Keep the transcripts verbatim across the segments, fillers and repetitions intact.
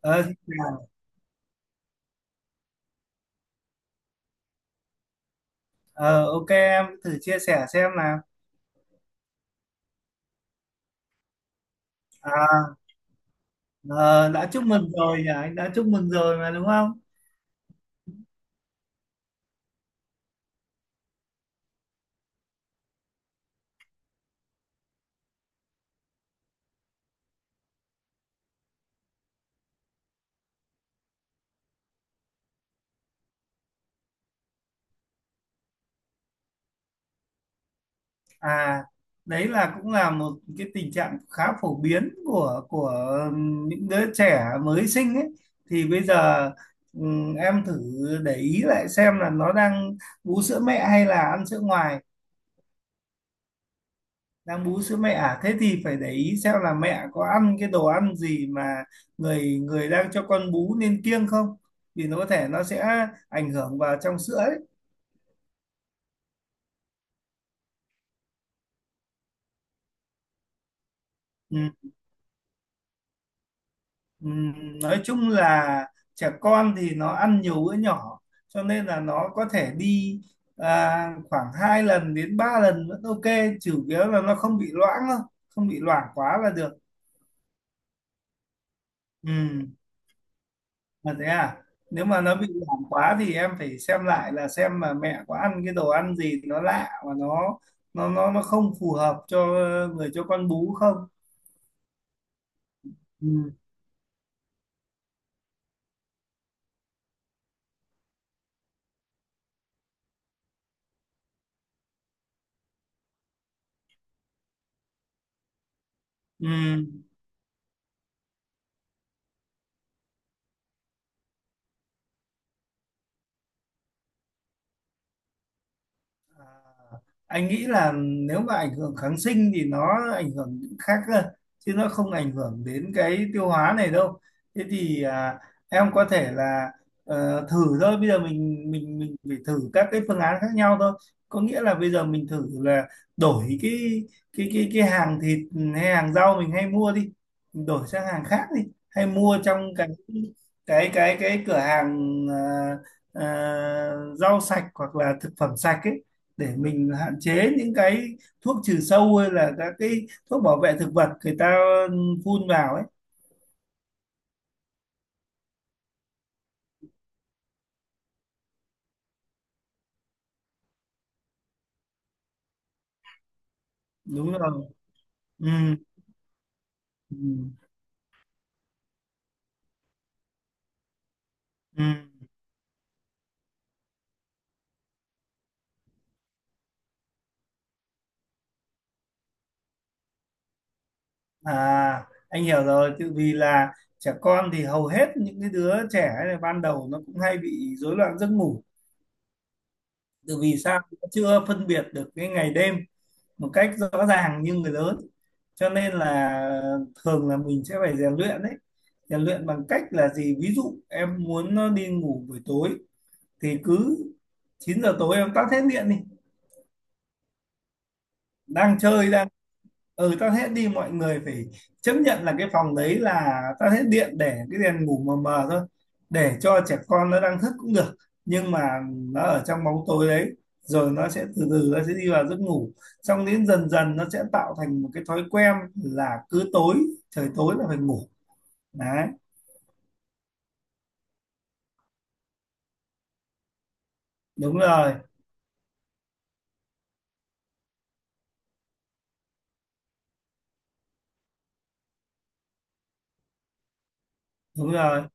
Ờ, Xin chào. Ờ, ok, em thử chia sẻ xem nào. à, ờ, đã chúc mừng rồi nhỉ, anh đã chúc mừng rồi mà, đúng không? à Đấy là cũng là một cái tình trạng khá phổ biến của của những đứa trẻ mới sinh ấy. Thì bây giờ ừm, em thử để ý lại xem là nó đang bú sữa mẹ hay là ăn sữa ngoài. Đang bú sữa mẹ à? Thế thì phải để ý xem là mẹ có ăn cái đồ ăn gì mà người người đang cho con bú nên kiêng không, vì nó có thể nó sẽ ảnh hưởng vào trong sữa ấy. Ừ, ừ, nói chung là trẻ con thì nó ăn nhiều bữa nhỏ cho nên là nó có thể đi, à, khoảng hai lần đến ba lần vẫn ok. Chủ yếu là nó không bị loãng thôi, không bị loãng quá là được. Ừ. Mà thế à? Nếu mà nó bị giảm quá thì em phải xem lại là xem mà mẹ có ăn cái đồ ăn gì nó lạ và nó nó nó nó không phù hợp cho người cho con bú không? Ừ. Ừ. À, anh nghĩ là nếu mà ảnh hưởng kháng sinh thì nó ảnh hưởng những khác cơ, chứ nó không ảnh hưởng đến cái tiêu hóa này đâu. Thế thì, à, em có thể là ờ, thử thôi. Bây giờ mình mình mình phải thử các cái phương án khác nhau thôi. Có nghĩa là bây giờ mình thử là đổi cái cái cái cái hàng thịt hay hàng rau mình hay mua đi, mình đổi sang hàng khác đi, hay mua trong cái cái cái cái cửa hàng ờ, ờ, rau sạch hoặc là thực phẩm sạch ấy, để mình hạn chế những cái thuốc trừ sâu hay là các cái thuốc bảo vệ thực vật người ta phun vào ấy. Đúng rồi. Ừ. Ừ. Ừ. À, anh hiểu rồi, tự vì là trẻ con thì hầu hết những cái đứa trẻ này ban đầu nó cũng hay bị rối loạn giấc ngủ, tự vì sao nó chưa phân biệt được cái ngày đêm một cách rõ ràng như người lớn, cho nên là thường là mình sẽ phải rèn luyện. Đấy, rèn luyện bằng cách là gì, ví dụ em muốn nó đi ngủ buổi tối thì cứ chín giờ tối em tắt hết điện đi, đang chơi đang ừ tắt hết đi. Mọi người phải chấp nhận là cái phòng đấy là tắt hết điện, để cái đèn ngủ mờ mờ thôi, để cho trẻ con nó đang thức cũng được, nhưng mà nó ở trong bóng tối đấy, rồi nó sẽ từ từ nó sẽ đi vào giấc ngủ, xong đến dần dần nó sẽ tạo thành một cái thói quen là cứ tối, trời tối là phải ngủ. Đấy. Đúng rồi, đúng rồi.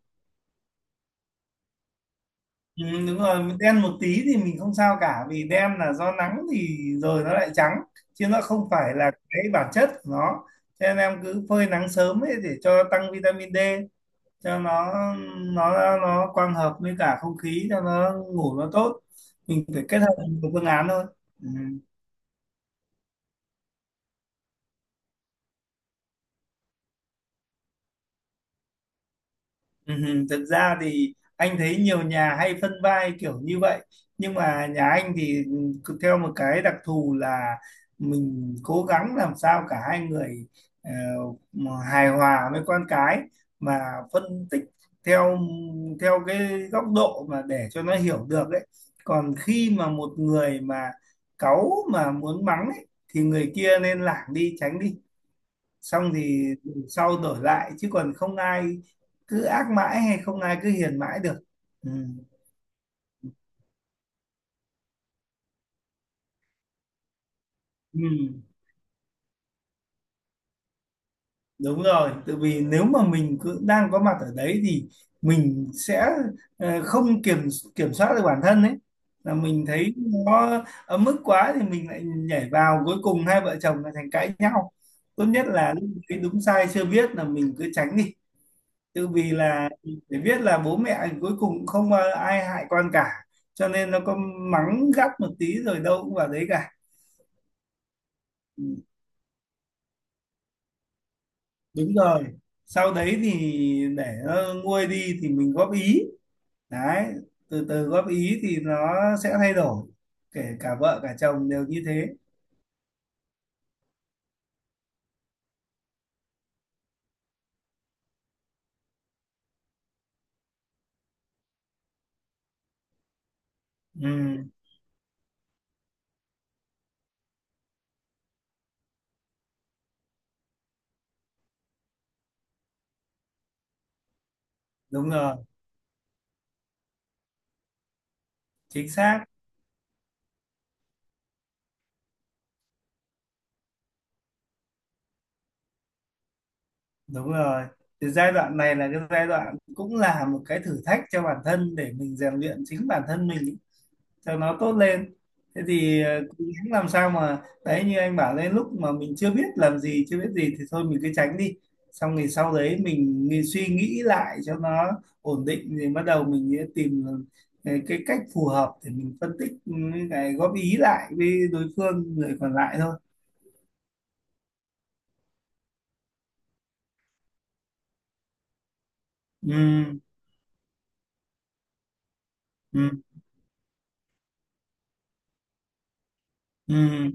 Ừ, đúng rồi, đen một tí thì mình không sao cả, vì đen là do nắng thì rồi nó lại trắng, chứ nó không phải là cái bản chất của nó. Cho nên em cứ phơi nắng sớm ấy để cho tăng vitamin đê cho nó, nó nó quang hợp với cả không khí cho nó ngủ nó tốt. Mình phải kết hợp nhiều phương án thôi. Ừ. Ừ, thật ra thì anh thấy nhiều nhà hay phân vai kiểu như vậy, nhưng mà nhà anh thì cứ theo một cái đặc thù là mình cố gắng làm sao cả hai người ờ, mà hài hòa với con cái, mà phân tích theo theo cái góc độ mà để cho nó hiểu được ấy. Còn khi mà một người mà cáu mà muốn mắng ấy, thì người kia nên lảng đi tránh đi, xong thì sau đổi lại, chứ còn không ai cứ ác mãi hay không ai cứ hiền mãi được. Ừ. Ừ. Đúng rồi, tại vì nếu mà mình cứ đang có mặt ở đấy thì mình sẽ ờ, không kiểm kiểm soát được bản thân ấy, là mình thấy nó ấm ức quá thì mình lại nhảy vào, cuối cùng hai vợ chồng lại thành cãi nhau. Tốt nhất là lúc ấy đúng sai chưa biết là mình cứ tránh đi. Tự vì là để biết là bố mẹ cuối cùng cũng không ờ, ai hại con cả, cho nên nó có mắng gắt một tí rồi đâu cũng vào đấy cả. Ừ, đúng rồi. Sau đấy thì để nó nguôi đi thì mình góp ý, đấy, từ từ góp ý thì nó sẽ thay đổi, kể cả vợ cả chồng đều như thế. Ừ, đúng rồi. Chính xác. Đúng rồi. Thì giai đoạn này là cái giai đoạn cũng là một cái thử thách cho bản thân để mình rèn luyện chính bản thân mình cho nó tốt lên. Thế thì ờ, cố gắng làm sao mà, đấy như anh bảo lên lúc mà mình chưa biết làm gì chưa biết gì thì thôi mình cứ tránh đi, xong thì sau đấy mình, nghĩ- suy nghĩ lại cho nó ổn định thì bắt đầu mình sẽ tìm ờ, cái cách phù hợp để mình phân tích, ừ, cái góp ý lại với đối phương người còn lại thôi. Ừ, ừ, ừ.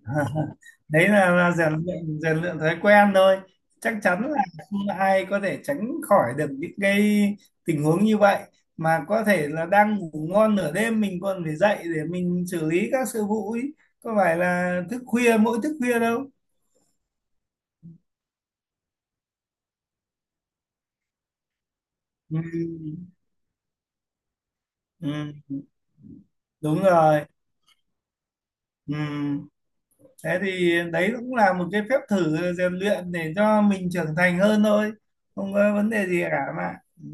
Đấy là, là rèn luyện rèn luyện thói quen thôi. Chắc chắn là không ai có thể tránh khỏi được những cái tình huống như vậy, mà có thể là đang ngủ ngon nửa đêm mình còn phải dậy để mình xử lý các sự vụ ấy, có phải là thức khuya mỗi thức khuya đâu. Ừ, ừ, đúng rồi. Ừ. Thế thì đấy cũng là một cái phép thử rèn luyện để cho mình trưởng thành hơn thôi, không có vấn đề gì cả mà. Ừ,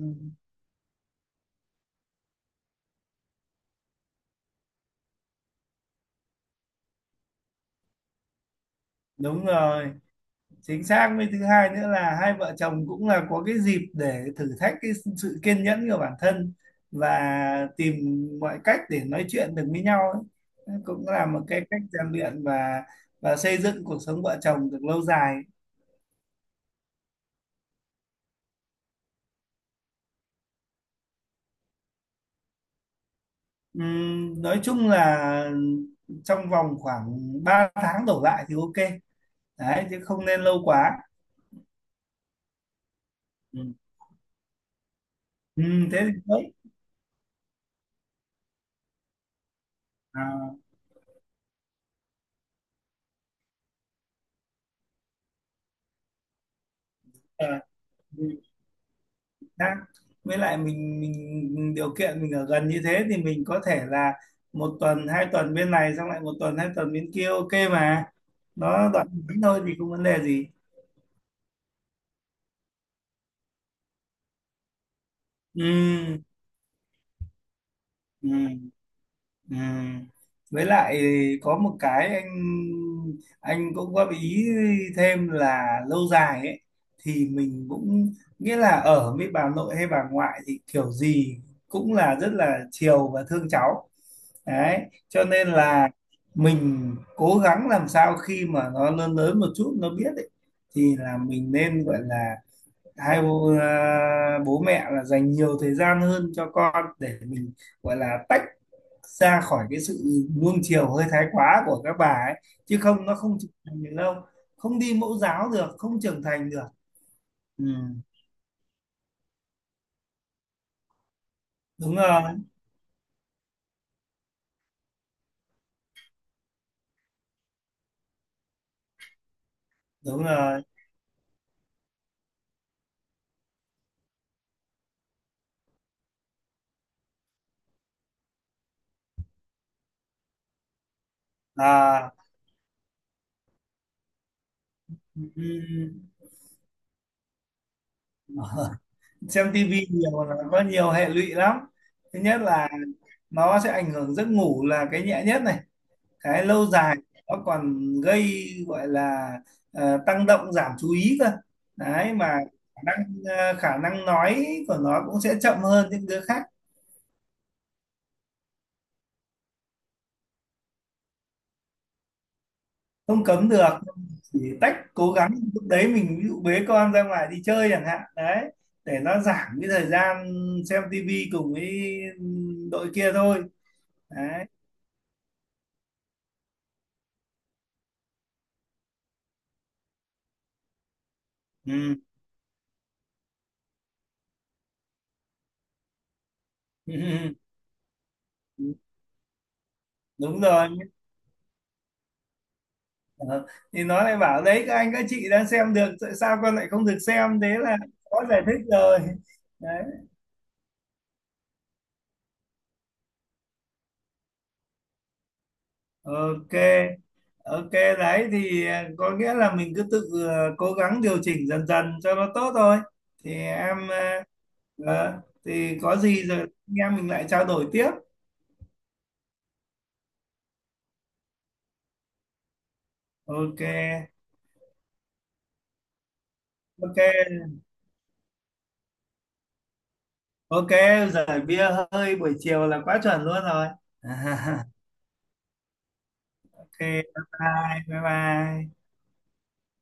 đúng rồi. Chính xác. Với thứ hai nữa là hai vợ chồng cũng là có cái dịp để thử thách cái sự kiên nhẫn của bản thân và tìm mọi cách để nói chuyện được với nhau ấy. Cũng là một cái cách rèn luyện và và xây dựng cuộc sống vợ chồng được lâu dài. Ừm, nói chung là trong vòng khoảng ba tháng đổ lại thì ok, đấy, chứ không nên lâu quá. Ừ. Ừm, thế thì tốt. à, à. Xác. Với lại mình mình điều kiện mình ở gần như thế thì mình có thể là một tuần hai tuần bên này, xong lại một tuần hai tuần bên kia, ok mà. Nó đoạn ngắn thôi thì không vấn đề gì. Ừ, ừ, ừ. Với lại có một cái anh anh cũng góp ý thêm là lâu dài ấy, thì mình cũng nghĩa là ở với bà nội hay bà ngoại thì kiểu gì cũng là rất là chiều và thương cháu, đấy, cho nên là mình cố gắng làm sao khi mà nó lớn lớn một chút nó biết ấy, thì là mình nên gọi là hai bố, à, bố mẹ là dành nhiều thời gian hơn cho con, để mình gọi là tách ra khỏi cái sự nuông chiều hơi thái quá của các bà ấy, chứ không nó không trưởng thành được đâu, không đi mẫu giáo được không trưởng thành được. Ừ, đúng rồi, đúng rồi. à, ừ, xem tivi nhiều là có nhiều hệ lụy lắm. Thứ nhất là nó sẽ ảnh hưởng giấc ngủ là cái nhẹ nhất này, cái lâu dài nó còn gây gọi là ờ, tăng động giảm chú ý cơ, đấy mà. khả năng ờ, Khả năng nói của nó cũng sẽ chậm hơn những đứa khác. Không cấm được, chỉ tách, cố gắng lúc đấy mình ví dụ bế con ra ngoài đi chơi chẳng hạn, đấy, để nó giảm cái thời gian xem tivi cùng với đội kia thôi. Đấy. Ừ. Đúng rồi. Ờ, thì nó lại bảo, đấy các anh các chị đang xem được tại sao con lại không được xem, thế là có giải thích rồi. Đấy, ok, ok. Đấy thì ờ, có nghĩa là mình cứ tự ờ, cố gắng điều chỉnh dần dần cho nó tốt thôi. Thì em ờ, ờ, thì có gì rồi anh em mình lại trao đổi tiếp. Ok, ok, ok. Giải bia hơi buổi chiều là quá chuẩn luôn rồi. Ok, bye bye bye bye.